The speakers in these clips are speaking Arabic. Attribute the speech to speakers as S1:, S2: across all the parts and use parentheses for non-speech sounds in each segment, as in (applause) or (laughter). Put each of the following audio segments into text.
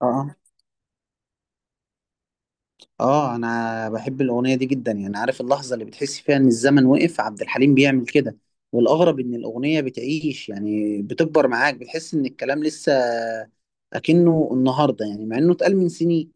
S1: اه اه، انا بحب الاغنيه دي جدا. يعني عارف اللحظه اللي بتحس فيها ان الزمن وقف، عبد الحليم بيعمل كده. والاغرب ان الاغنيه بتعيش، يعني بتكبر معاك، بتحس ان الكلام لسه اكنه النهارده، يعني مع انه اتقال من سنين.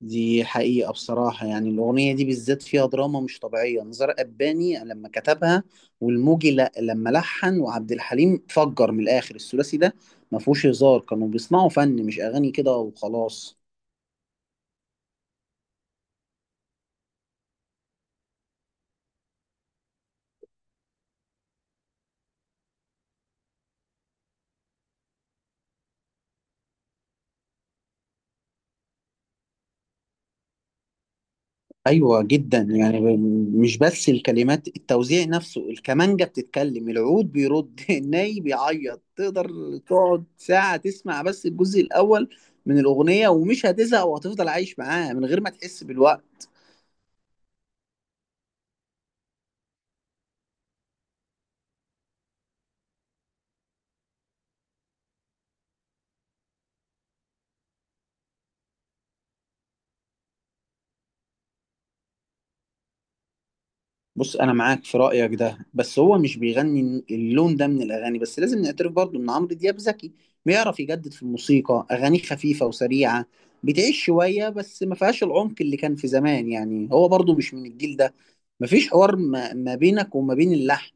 S1: دي حقيقة بصراحة، يعني الأغنية دي بالذات فيها دراما مش طبيعية. نزار قباني لما كتبها والموجي لا لما لحن وعبد الحليم فجر من الآخر، الثلاثي ده ما فيهوش هزار، كانوا بيسمعوا فن مش أغاني كده وخلاص. أيوة جدا، يعني مش بس الكلمات، التوزيع نفسه، الكمانجة بتتكلم، العود بيرد (laughs) الناي بيعيط. تقدر تقعد ساعة تسمع بس الجزء الأول من الأغنية ومش هتزهق، وهتفضل عايش معاها من غير ما تحس بالوقت. بص انا معاك في رايك ده، بس هو مش بيغني اللون ده من الاغاني. بس لازم نعترف برضو ان عمرو دياب ذكي، بيعرف يجدد في الموسيقى. اغانيه خفيفه وسريعه، بتعيش شويه، بس ما فيهاش العمق اللي كان في زمان. يعني هو برضو مش من الجيل ده، مفيش حوار ما بينك وما بين اللحن.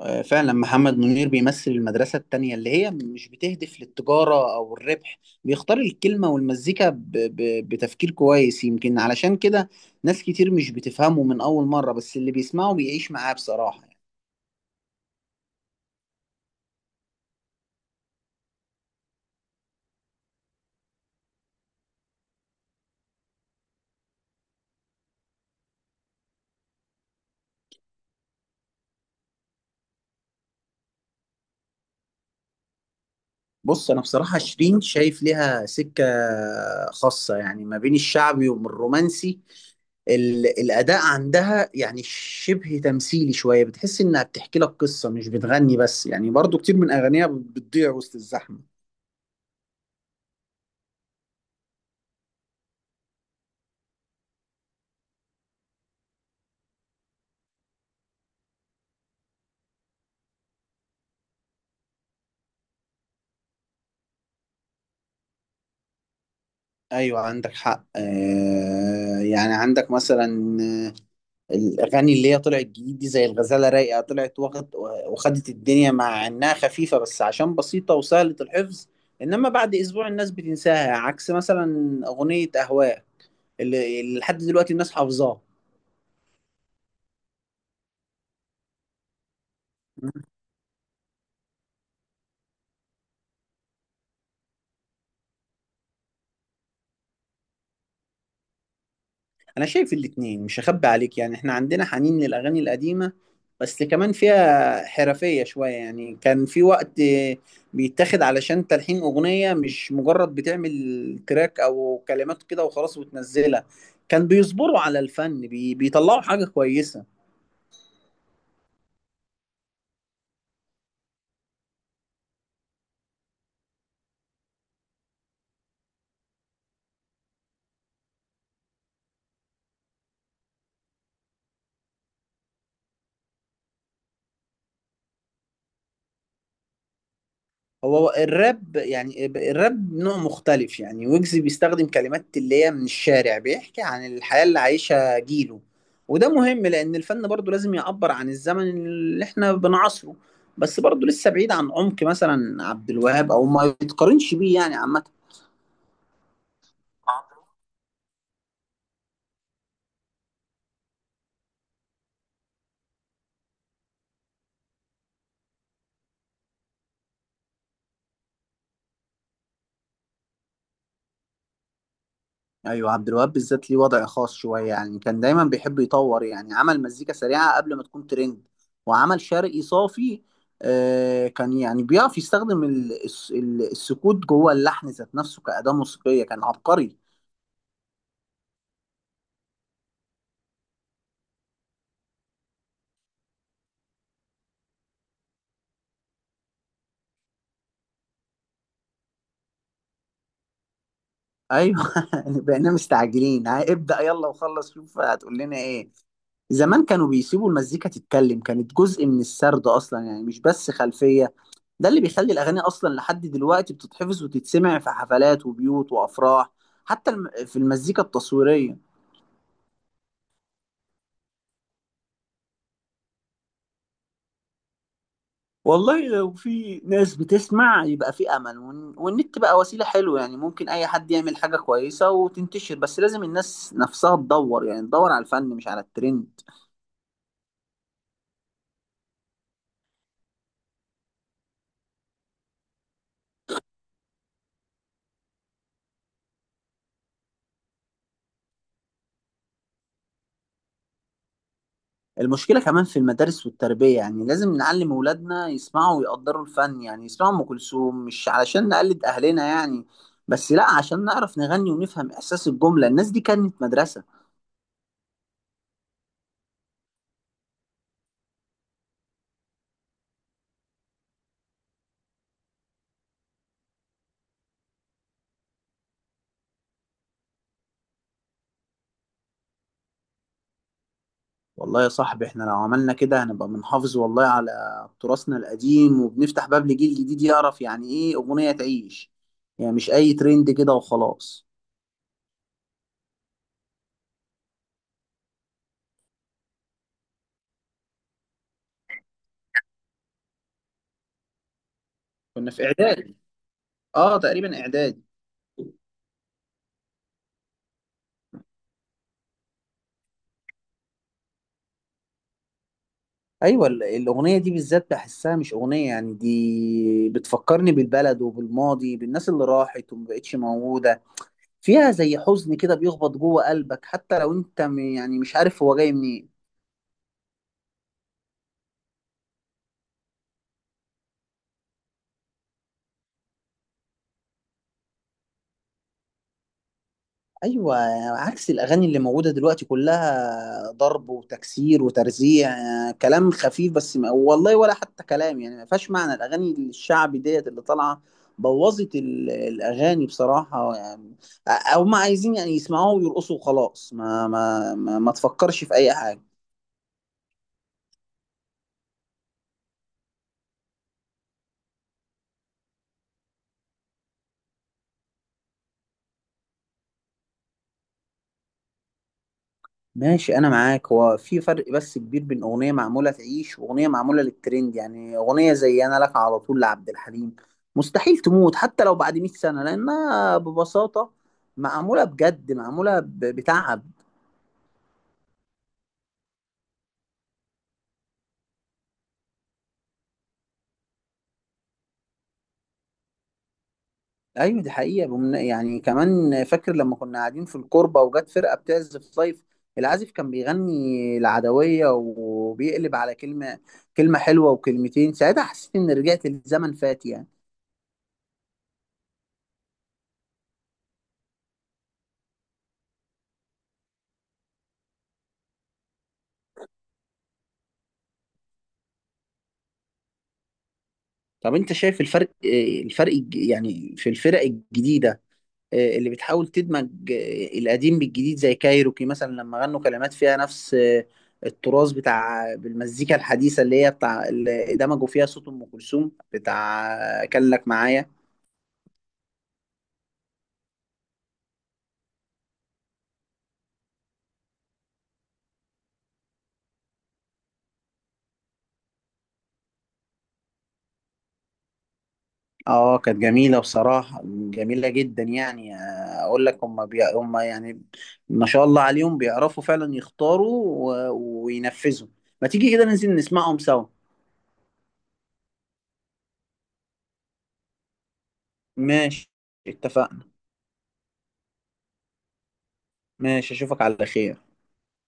S1: آه، فعلا محمد منير بيمثل المدرسة التانية اللي هي مش بتهدف للتجارة أو الربح. بيختار الكلمة والمزيكا بتفكير كويس. يمكن علشان كده ناس كتير مش بتفهمه من أول مرة، بس اللي بيسمعه بيعيش معاه بصراحة يعني. بص أنا بصراحة شيرين شايف ليها سكة خاصة، يعني ما بين الشعبي ومن الرومانسي. الأداء عندها يعني شبه تمثيلي شوية، بتحس إنها بتحكي لك قصة مش بتغني بس. يعني برضو كتير من أغانيها بتضيع وسط الزحمة. ايوه عندك حق. آه، يعني عندك مثلا آه، الاغاني اللي هي طلعت جديد دي، زي الغزاله رايقه، طلعت واخد وخدت الدنيا مع انها خفيفه، بس عشان بسيطه وسهله الحفظ. انما بعد اسبوع الناس بتنساها، عكس مثلا اغنيه اهواء اللي لحد دلوقتي الناس حافظاها. انا شايف الاتنين، مش هخبي عليك. يعني احنا عندنا حنين للاغاني القديمه، بس كمان فيها حرفيه شويه. يعني كان في وقت بيتاخد علشان تلحين اغنيه، مش مجرد بتعمل تراك او كلمات كده وخلاص وتنزلها. كان بيصبروا على الفن بي بيطلعوا حاجه كويسه. هو الراب، يعني الراب نوع مختلف. يعني ويجز بيستخدم كلمات اللي هي من الشارع، بيحكي عن الحياة اللي عايشها جيله. وده مهم لأن الفن برضه لازم يعبر عن الزمن اللي احنا بنعاصره. بس برضه لسه بعيد عن عمق مثلا عبد الوهاب، أو ما يتقارنش بيه يعني عامة. ايوه عبد الوهاب بالذات ليه وضع خاص شويه. يعني كان دايما بيحب يطور، يعني عمل مزيكا سريعه قبل ما تكون ترند، وعمل شرقي صافي. آه كان يعني بيعرف يستخدم السكوت جوه اللحن ذات نفسه كأداة موسيقية، كان عبقري. ايوه (laughs) يعني بقينا مستعجلين، ها، ابدأ يلا وخلص شوف هتقول لنا ايه. زمان كانوا بيسيبوا المزيكا تتكلم، كانت جزء من السرد اصلا يعني، مش بس خلفية. ده اللي بيخلي الأغاني أصلا لحد دلوقتي بتتحفظ وتتسمع في حفلات وبيوت وأفراح، حتى في المزيكا التصويرية. والله لو في ناس بتسمع يبقى في أمل. والنت بقى وسيلة حلوة، يعني ممكن أي حد يعمل حاجة كويسة وتنتشر، بس لازم الناس نفسها تدور، يعني تدور على الفن مش على الترند. المشكلة كمان في المدارس والتربية، يعني لازم نعلم أولادنا يسمعوا ويقدروا الفن. يعني يسمعوا أم كلثوم مش علشان نقلد أهلنا يعني، بس لا عشان نعرف نغني ونفهم إحساس الجملة. الناس دي كانت مدرسة. والله يا صاحبي إحنا لو عملنا كده هنبقى بنحافظ والله على تراثنا القديم، وبنفتح باب لجيل جديد يعرف يعني إيه أغنية تعيش، يعني مش أي ترند كده وخلاص. كنا في إعدادي، آه تقريبا إعدادي. ايوه الاغنيه دي بالذات بحسها مش اغنيه، يعني دي بتفكرني بالبلد وبالماضي، بالناس اللي راحت ومبقتش موجوده. فيها زي حزن كده بيخبط جوه قلبك، حتى لو انت يعني مش عارف هو جاي منين. ايوه عكس الاغاني اللي موجوده دلوقتي، كلها ضرب وتكسير وترزيع، كلام خفيف، بس ما والله ولا حتى كلام. يعني ما فيهاش معنى. الاغاني الشعبي ديت اللي طالعه بوظت الاغاني بصراحه يعني. او ما عايزين يعني يسمعوها ويرقصوا وخلاص، ما تفكرش في اي حاجه. ماشي انا معاك، هو في فرق بس كبير بين اغنيه معموله تعيش واغنيه معموله للترند. يعني اغنيه زي انا لك على طول لعبد الحليم مستحيل تموت حتى لو بعد 100 سنه، لانها ببساطه معموله بجد، معموله بتعب. ايوه دي حقيقه. يعني كمان فاكر لما كنا قاعدين في الكوربه وجت فرقه بتعزف لايف، العازف كان بيغني العدويه، وبيقلب على كلمه كلمه حلوه وكلمتين. ساعتها حسيت ان رجعت لزمن فات يعني. طب انت شايف الفرق، آه، الفرق يعني في الفرق الجديدة، آه، اللي بتحاول تدمج آه، القديم بالجديد، زي كايروكي مثلا لما غنوا كلمات فيها نفس آه، التراث بتاع، بالمزيكا الحديثة اللي هي بتاع اللي دمجوا فيها صوت أم كلثوم بتاع آه، كان لك معايا. اه كانت جميلة بصراحة، جميلة جدا. يعني آه، اقول لك هم يعني ما شاء الله عليهم، بيعرفوا فعلا يختاروا وينفذوا. ما تيجي كده ننزل نسمعهم سوا. ماشي، اتفقنا. ماشي، اشوفك على خير.